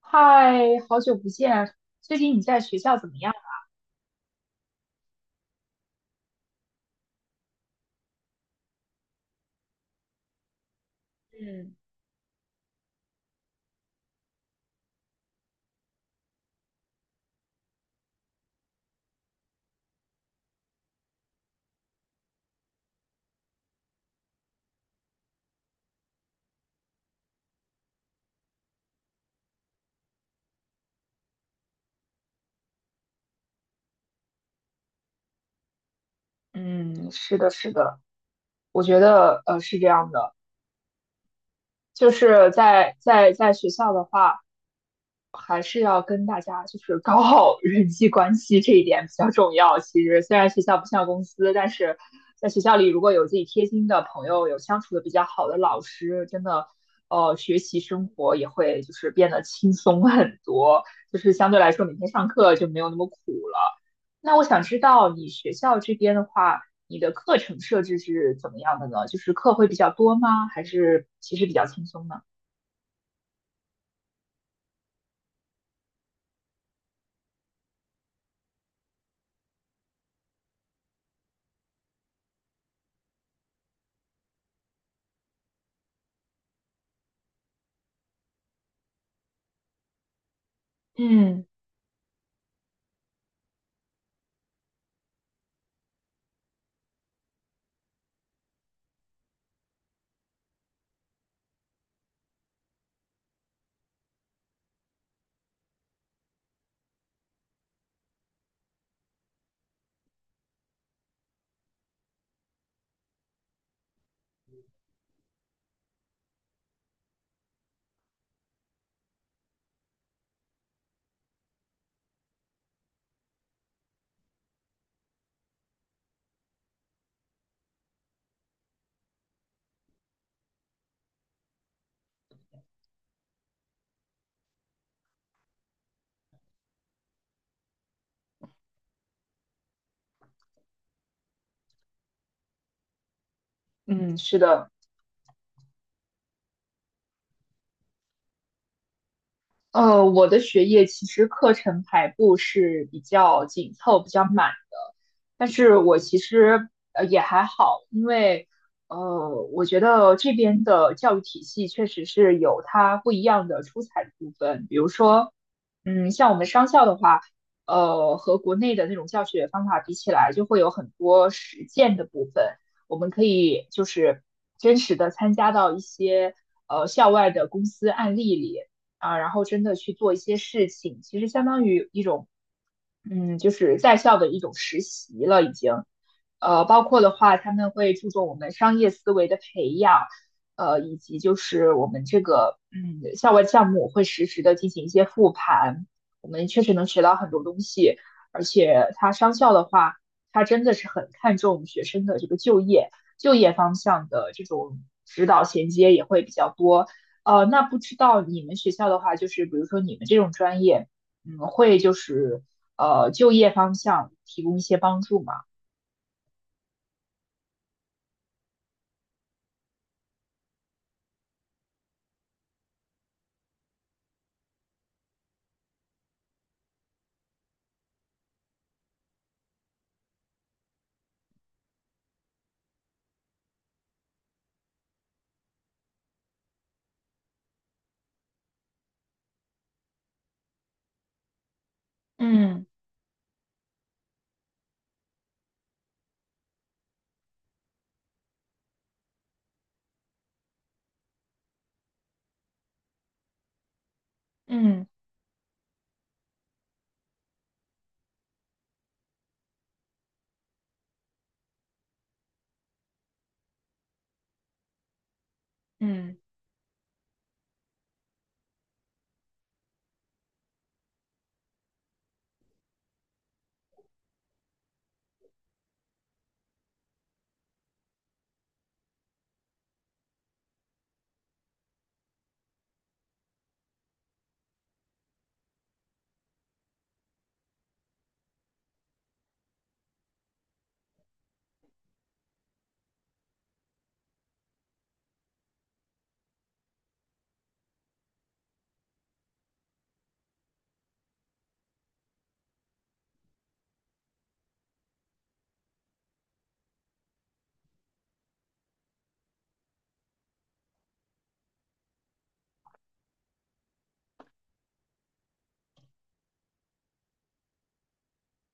嗨，好久不见啊！最近你在学校怎么样？嗯嗯，是的，是的，我觉得是这样的，就是在学校的话。还是要跟大家就是搞好 人际关系这一点比较重要。其实虽然学校不像公司，但是在学校里如果有自己贴心的朋友，有相处的比较好的老师，真的，学习生活也会就是变得轻松很多，就是相对来说每天上课就没有那么苦了。那我想知道你学校这边的话，你的课程设置是怎么样的呢？就是课会比较多吗？还是其实比较轻松呢？嗯嗯，是的。我的学业其实课程排布是比较紧凑、比较满，但是我其实也还好，因为我觉得这边的教育体系确实是有它不一样的出彩的部分。比如说，嗯，像我们商校的话，和国内的那种教学方法比起来，就会有很多实践的部分，我们可以就是真实的参加到一些校外的公司案例里，啊，然后真的去做一些事情，其实相当于一种，嗯，就是在校的一种实习了，已经。包括的话，他们会注重我们商业思维的培养，以及就是我们这个嗯校外项目会实时的进行一些复盘，我们确实能学到很多东西。而且它商校的话，它真的是很看重学生的这个就业，就业方向的这种指导衔接也会比较多。那不知道你们学校的话，就是比如说你们这种专业，嗯，会就是就业方向提供一些帮助嘛。嗯嗯嗯。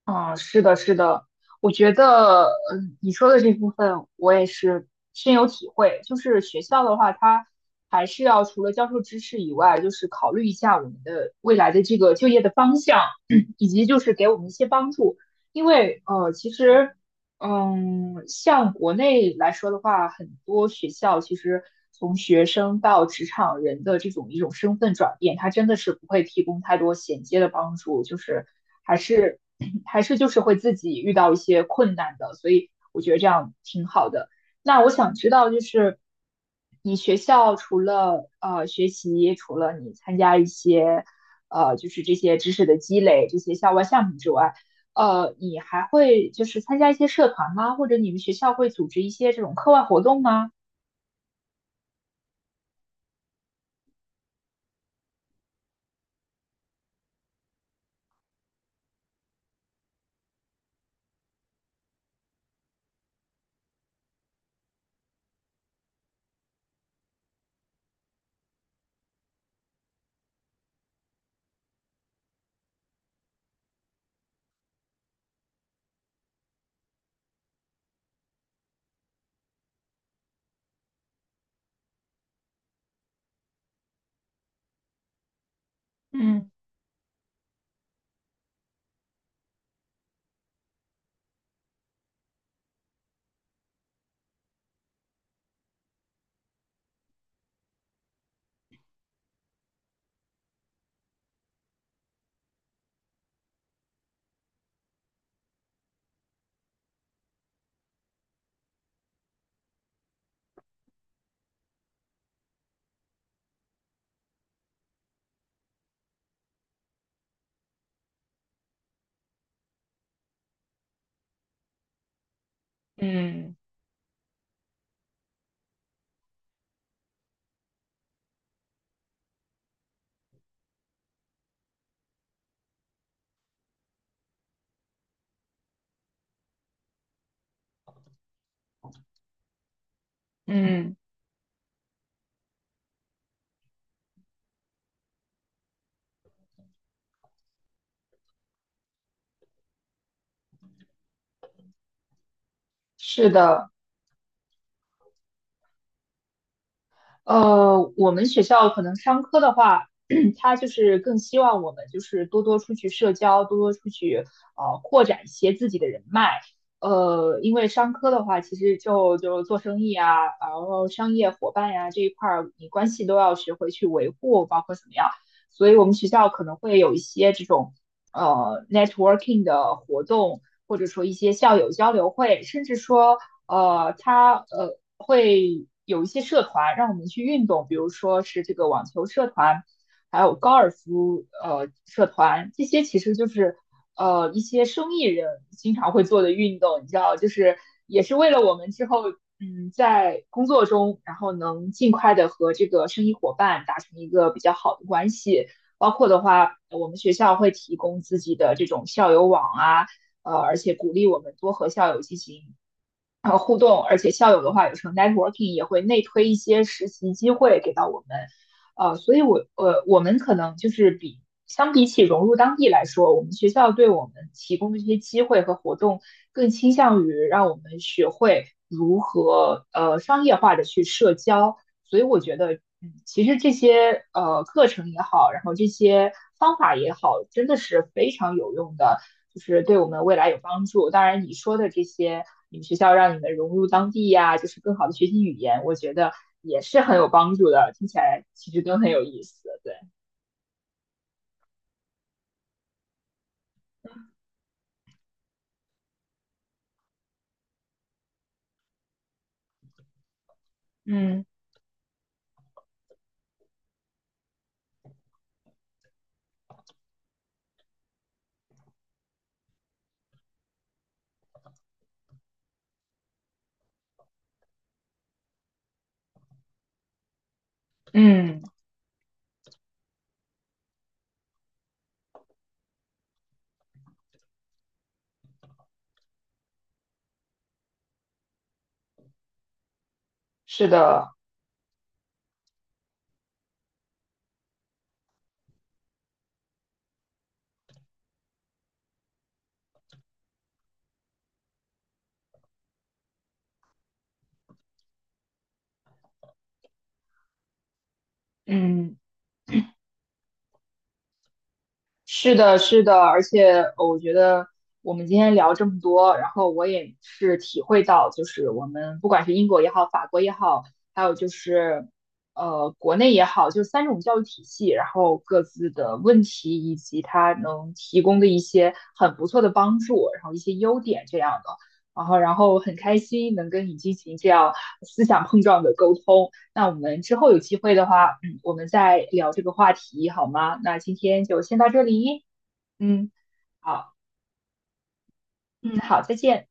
嗯，是的，是的，我觉得，嗯，你说的这部分我也是深有体会。就是学校的话，它还是要除了教授知识以外，就是考虑一下我们的未来的这个就业的方向，以及就是给我们一些帮助。因为，其实，嗯，像国内来说的话，很多学校其实从学生到职场人的这种一种身份转变，它真的是不会提供太多衔接的帮助，就是。还是还是就是会自己遇到一些困难的，所以我觉得这样挺好的。那我想知道，就是你学校除了学习，除了你参加一些就是这些知识的积累，这些校外项目之外，你还会就是参加一些社团吗？或者你们学校会组织一些这种课外活动吗？嗯嗯嗯，是的，我们学校可能商科的话，他就是更希望我们就是多多出去社交，多多出去扩展一些自己的人脉。因为商科的话，其实就做生意啊，然后商业伙伴呀、这一块儿，你关系都要学会去维护，包括怎么样。所以我们学校可能会有一些这种networking 的活动，或者说一些校友交流会，甚至说它会有一些社团让我们去运动，比如说是这个网球社团，还有高尔夫社团，这些其实就是一些生意人经常会做的运动，你知道，就是也是为了我们之后嗯在工作中，然后能尽快的和这个生意伙伴达成一个比较好的关系。包括的话，我们学校会提供自己的这种校友网啊，而且鼓励我们多和校友进行互动，而且校友的话有时候 networking 也会内推一些实习机会给到我们，所以我们可能就是相比起融入当地来说，我们学校对我们提供的这些机会和活动更倾向于让我们学会如何商业化的去社交，所以我觉得。嗯，其实这些课程也好，然后这些方法也好，真的是非常有用的。就是对我们未来有帮助。当然，你说的这些，你们学校让你们融入当地呀、啊就是更好的学习语言，我觉得也是很有帮助的。听起来其实都很有意思，对，嗯嗯，是的，嗯。是的，是的，而且我觉得我们今天聊这么多，然后我也是体会到，就是我们不管是英国也好，法国也好，还有就是国内也好，就三种教育体系，然后各自的问题以及它能提供的一些很不错的帮助，然后一些优点这样的，然后很开心能跟你进行这样思想碰撞的沟通。那我们之后有机会的话。我们再聊这个话题好吗？那今天就先到这里，嗯，好，嗯，好，再见。